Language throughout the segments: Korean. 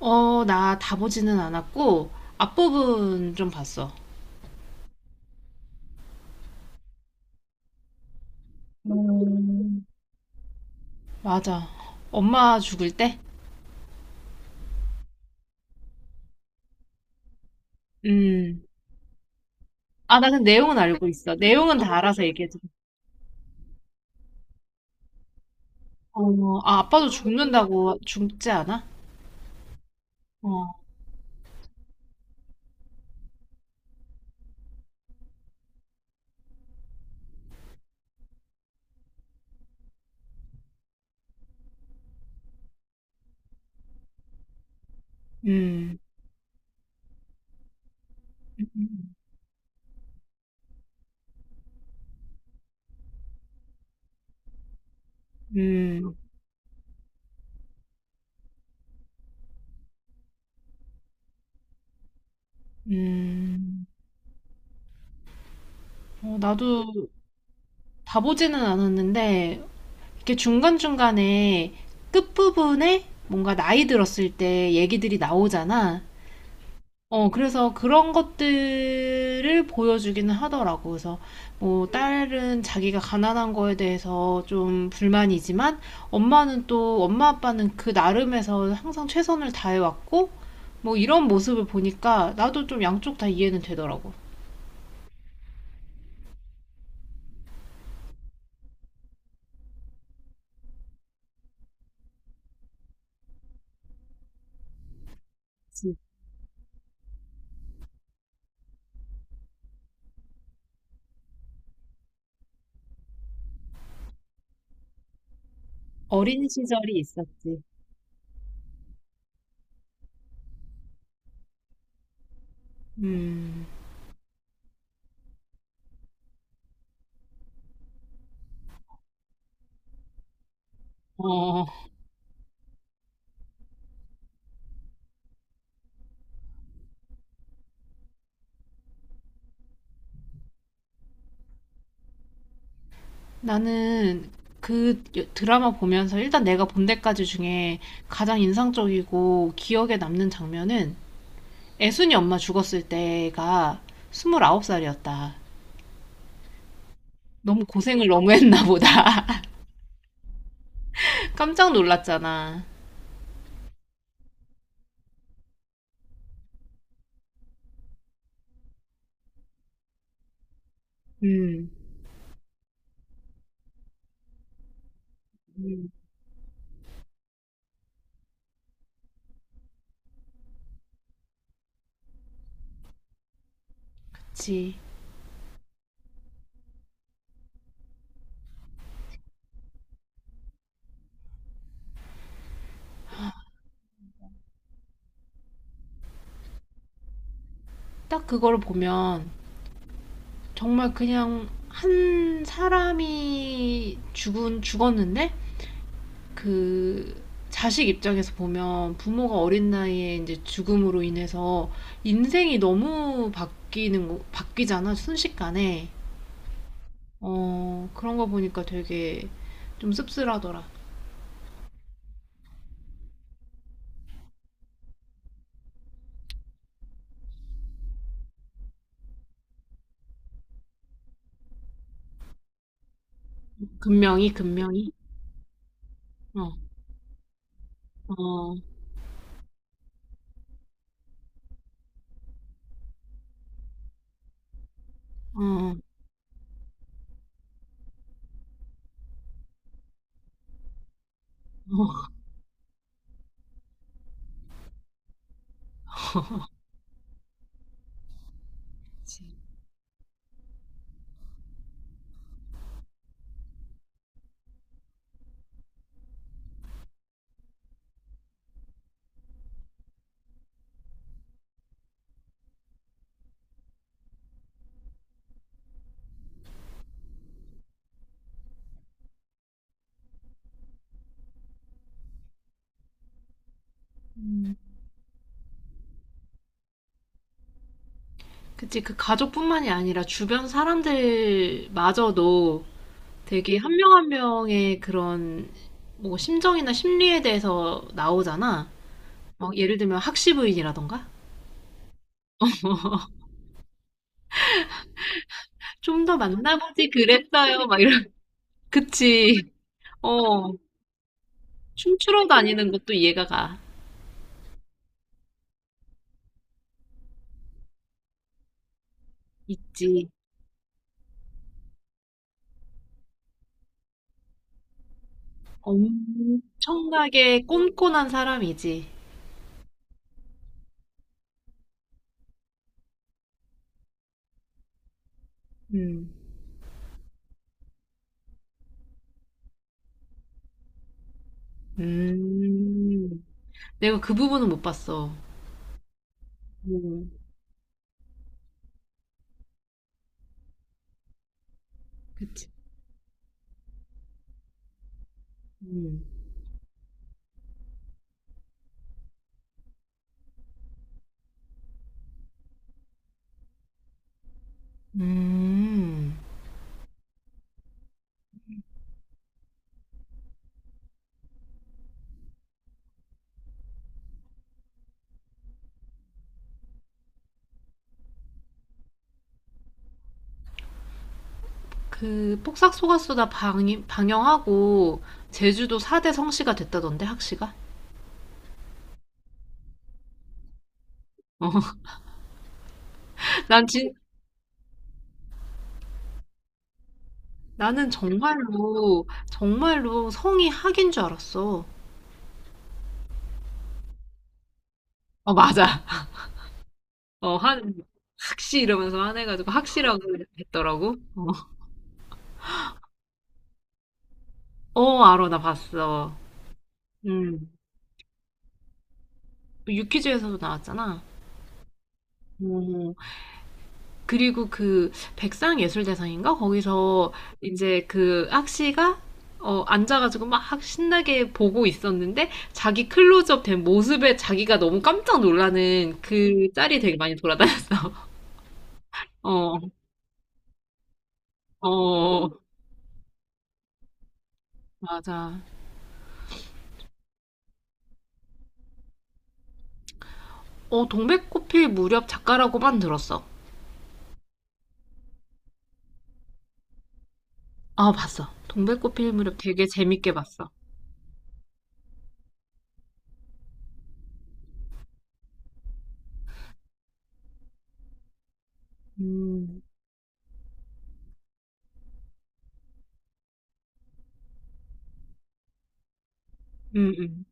나 다 보지는 않았고, 앞부분 좀 봤어. 맞아. 엄마 죽을 때? 음. 나 그 내용은 알고 있어. 내용은 다 알아서 얘기해줘. 아빠도 죽는다고 죽지 않아? 어, 음, 음, 음. 나도 다 보지는 않았는데, 이렇게 중간중간에 끝부분에 뭔가 나이 들었을 때 얘기들이 나오잖아. 그래서 그런 것들을 보여주기는 하더라고. 그래서 뭐 딸은 자기가 가난한 거에 대해서 좀 불만이지만 엄마 아빠는 그 나름에서 항상 최선을 다해왔고 뭐 이런 모습을 보니까 나도 좀 양쪽 다 이해는 되더라고. 그치. 어린 시절이 있었지. 음, 어, 나는 그 드라마 보면서 일단 내가 본 데까지 중에 가장 인상적이고 기억에 남는 장면은 애순이 엄마 죽었을 때가 29 살이었다. 너무 고생을 너무 했나 보다. 깜짝 놀랐잖아. 음. 음. 그치. 딱 그걸 보면 정말 그냥 한 사람이 죽었는데 그 자식 입장에서 보면 부모가 어린 나이에 이제 죽음으로 인해서 인생이 너무 바뀌잖아. 순식간에. 그런 거 보니까 되게 좀 씁쓸하더라. 금명이. 어어어. 어, 어, 어. 그치. 음. 그치, 그 가족뿐만이 아니라 주변 사람들마저도 되게 한 명 한 명의 그런 뭐 심정이나 심리에 대해서 나오잖아. 막 예를 들면 학시부인이라던가 좀 더 만나보지 그랬어요 막 이런. 그치. 어. 춤추러 다니는 것도 이해가 가. 있지. 엄청나게 꼼꼼한 사람이지. 음. 음. 내가 그 부분은 못 봤어. 음, 그치. 음. 음. 그 폭삭 속았수다 방, 방영하고 제주도 4대 성씨가 됐다던데 학씨가? 어. 난 진, 나는 정말로 정말로 성이 학인 줄 알았어. 어 맞아. 어 한, 학씨 이러면서 화내가지고 학씨라고 했더라고. 어, 어 알어 나 봤어. 음. 유퀴즈에서도 나왔잖아. 음. 그리고 그 백상예술대상인가? 거기서 이제 그 악시가 앉아가지고 막 신나게 보고 있었는데 자기 클로즈업 된 모습에 자기가 너무 깜짝 놀라는 그 짤이 되게 많이 돌아다녔어. 어, 어, 맞아. 동백꽃필 무렵 작가라고만 들었어. 봤어. 동백꽃필 무렵 되게 재밌게 봤어. 음, 음, 음.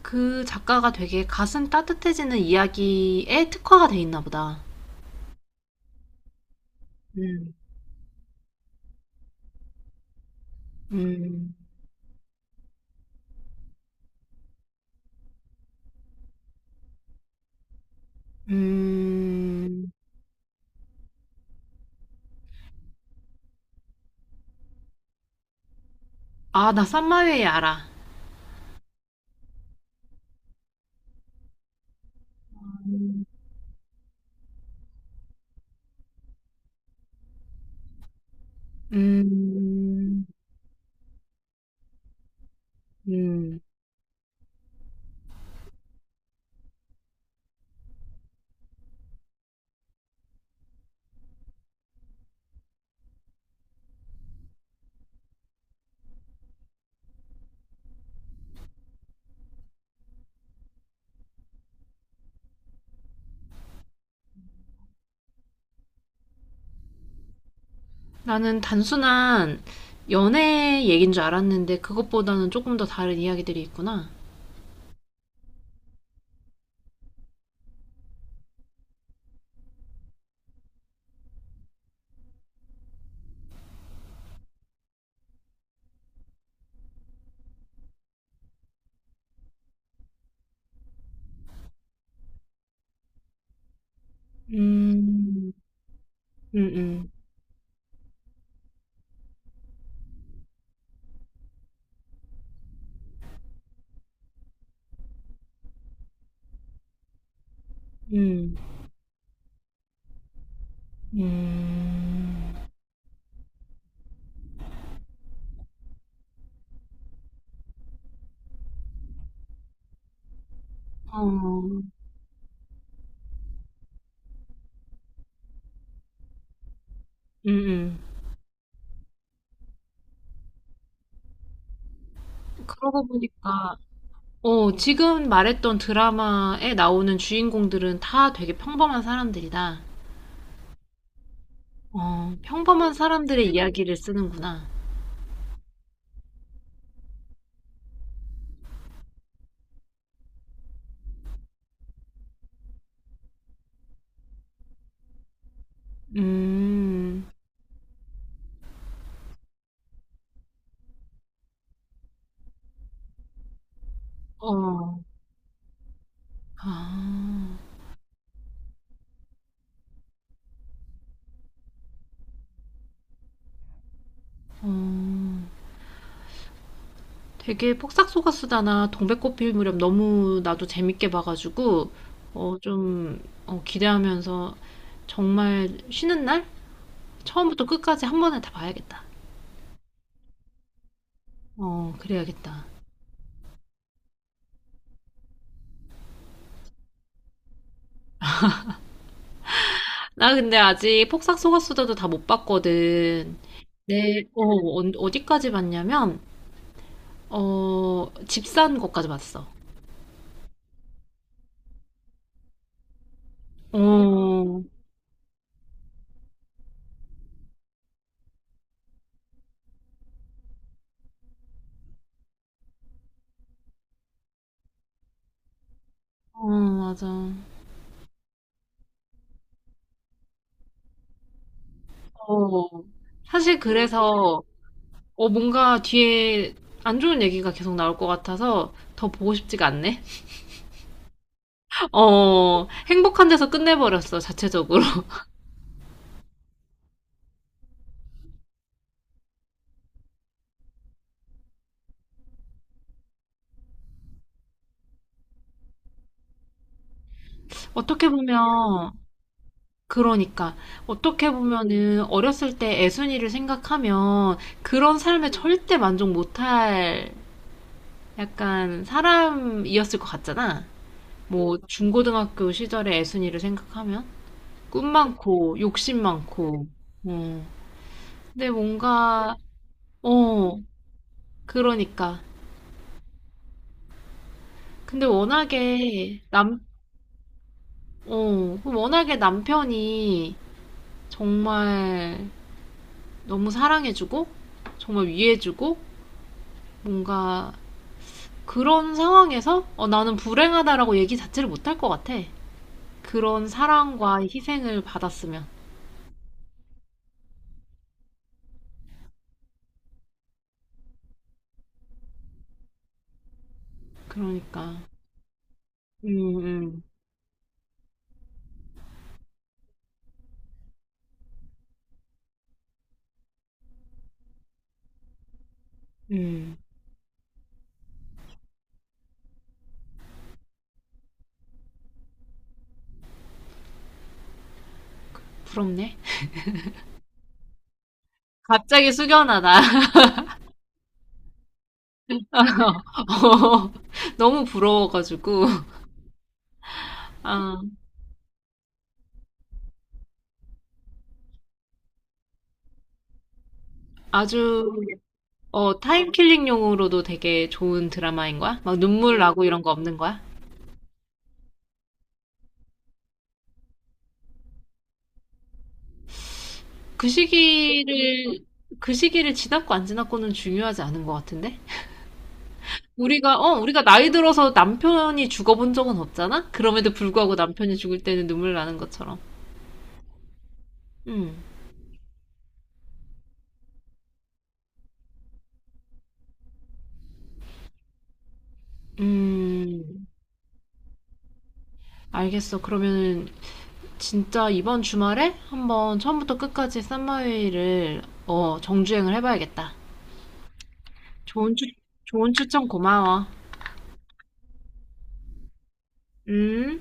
그 작가가 되게 가슴 따뜻해지는 이야기에 특화가 돼 있나 보다. 음. 음, 음, 나 쌈마웨이 알아. 음, 음. 나는 단순한 연애 얘기인 줄 알았는데 그것보다는 조금 더 다른 이야기들이 있구나. 음, 음, 음, 음, 음, 어, 음. 그러고 보니까, 지금 말했던 드라마에 나오는 주인공들은 다 되게 평범한 사람들이다. 평범한 사람들의 이야기를 쓰는구나. 음. 어. 아, 어. 되게 폭삭소가수다나 동백꽃 필 무렵 너무 나도 재밌게 봐가지고, 어, 좀, 기대하면서 정말 쉬는 날? 처음부터 끝까지 한 번에 다 봐야겠다. 그래야겠다. 나 근데 아직 폭삭소가수다도 다 못 봤거든. 어디까지 봤냐면, 집산 것까지 봤어. 어, 어, 맞아. 어. 사실 그래서 뭔가 뒤에 안 좋은 얘기가 계속 나올 것 같아서 더 보고 싶지가 않네. 행복한 데서 끝내버렸어, 자체적으로. 어떻게 보면, 그러니까, 어떻게 보면은 어렸을 때 애순이를 생각하면 그런 삶에 절대 만족 못할 약간 사람이었을 것 같잖아. 뭐, 중고등학교 시절의 애순이를 생각하면 꿈 많고, 욕심 많고, 어. 근데 뭔가, 어, 그러니까. 근데 워낙에 남, 어, 그럼 워낙에 남편이 정말 너무 사랑해주고, 정말 위해주고, 뭔가 그런 상황에서 나는 불행하다라고 얘기 자체를 못 할 것 같아. 그런 사랑과 희생을 받았으면. 그러니까. 음, 음, 음. 부럽네. 갑자기 숙연하다. 어, 너무 부러워가지고. 아, 아주, 타임킬링용으로도 되게 좋은 드라마인 거야? 막 눈물 나고 이런 거 없는 거야? 그 시기를, 그 시기를 지났고 안 지났고는 중요하지 않은 것 같은데? 우리가 나이 들어서 남편이 죽어본 적은 없잖아? 그럼에도 불구하고 남편이 죽을 때는 눈물 나는 것처럼. 음, 음, 알겠어. 그러면은 진짜 이번 주말에 한번 처음부터 끝까지 썸머웨이를 정주행을 해봐야겠다. 좋은 추, 좋은 추천 고마워. 음.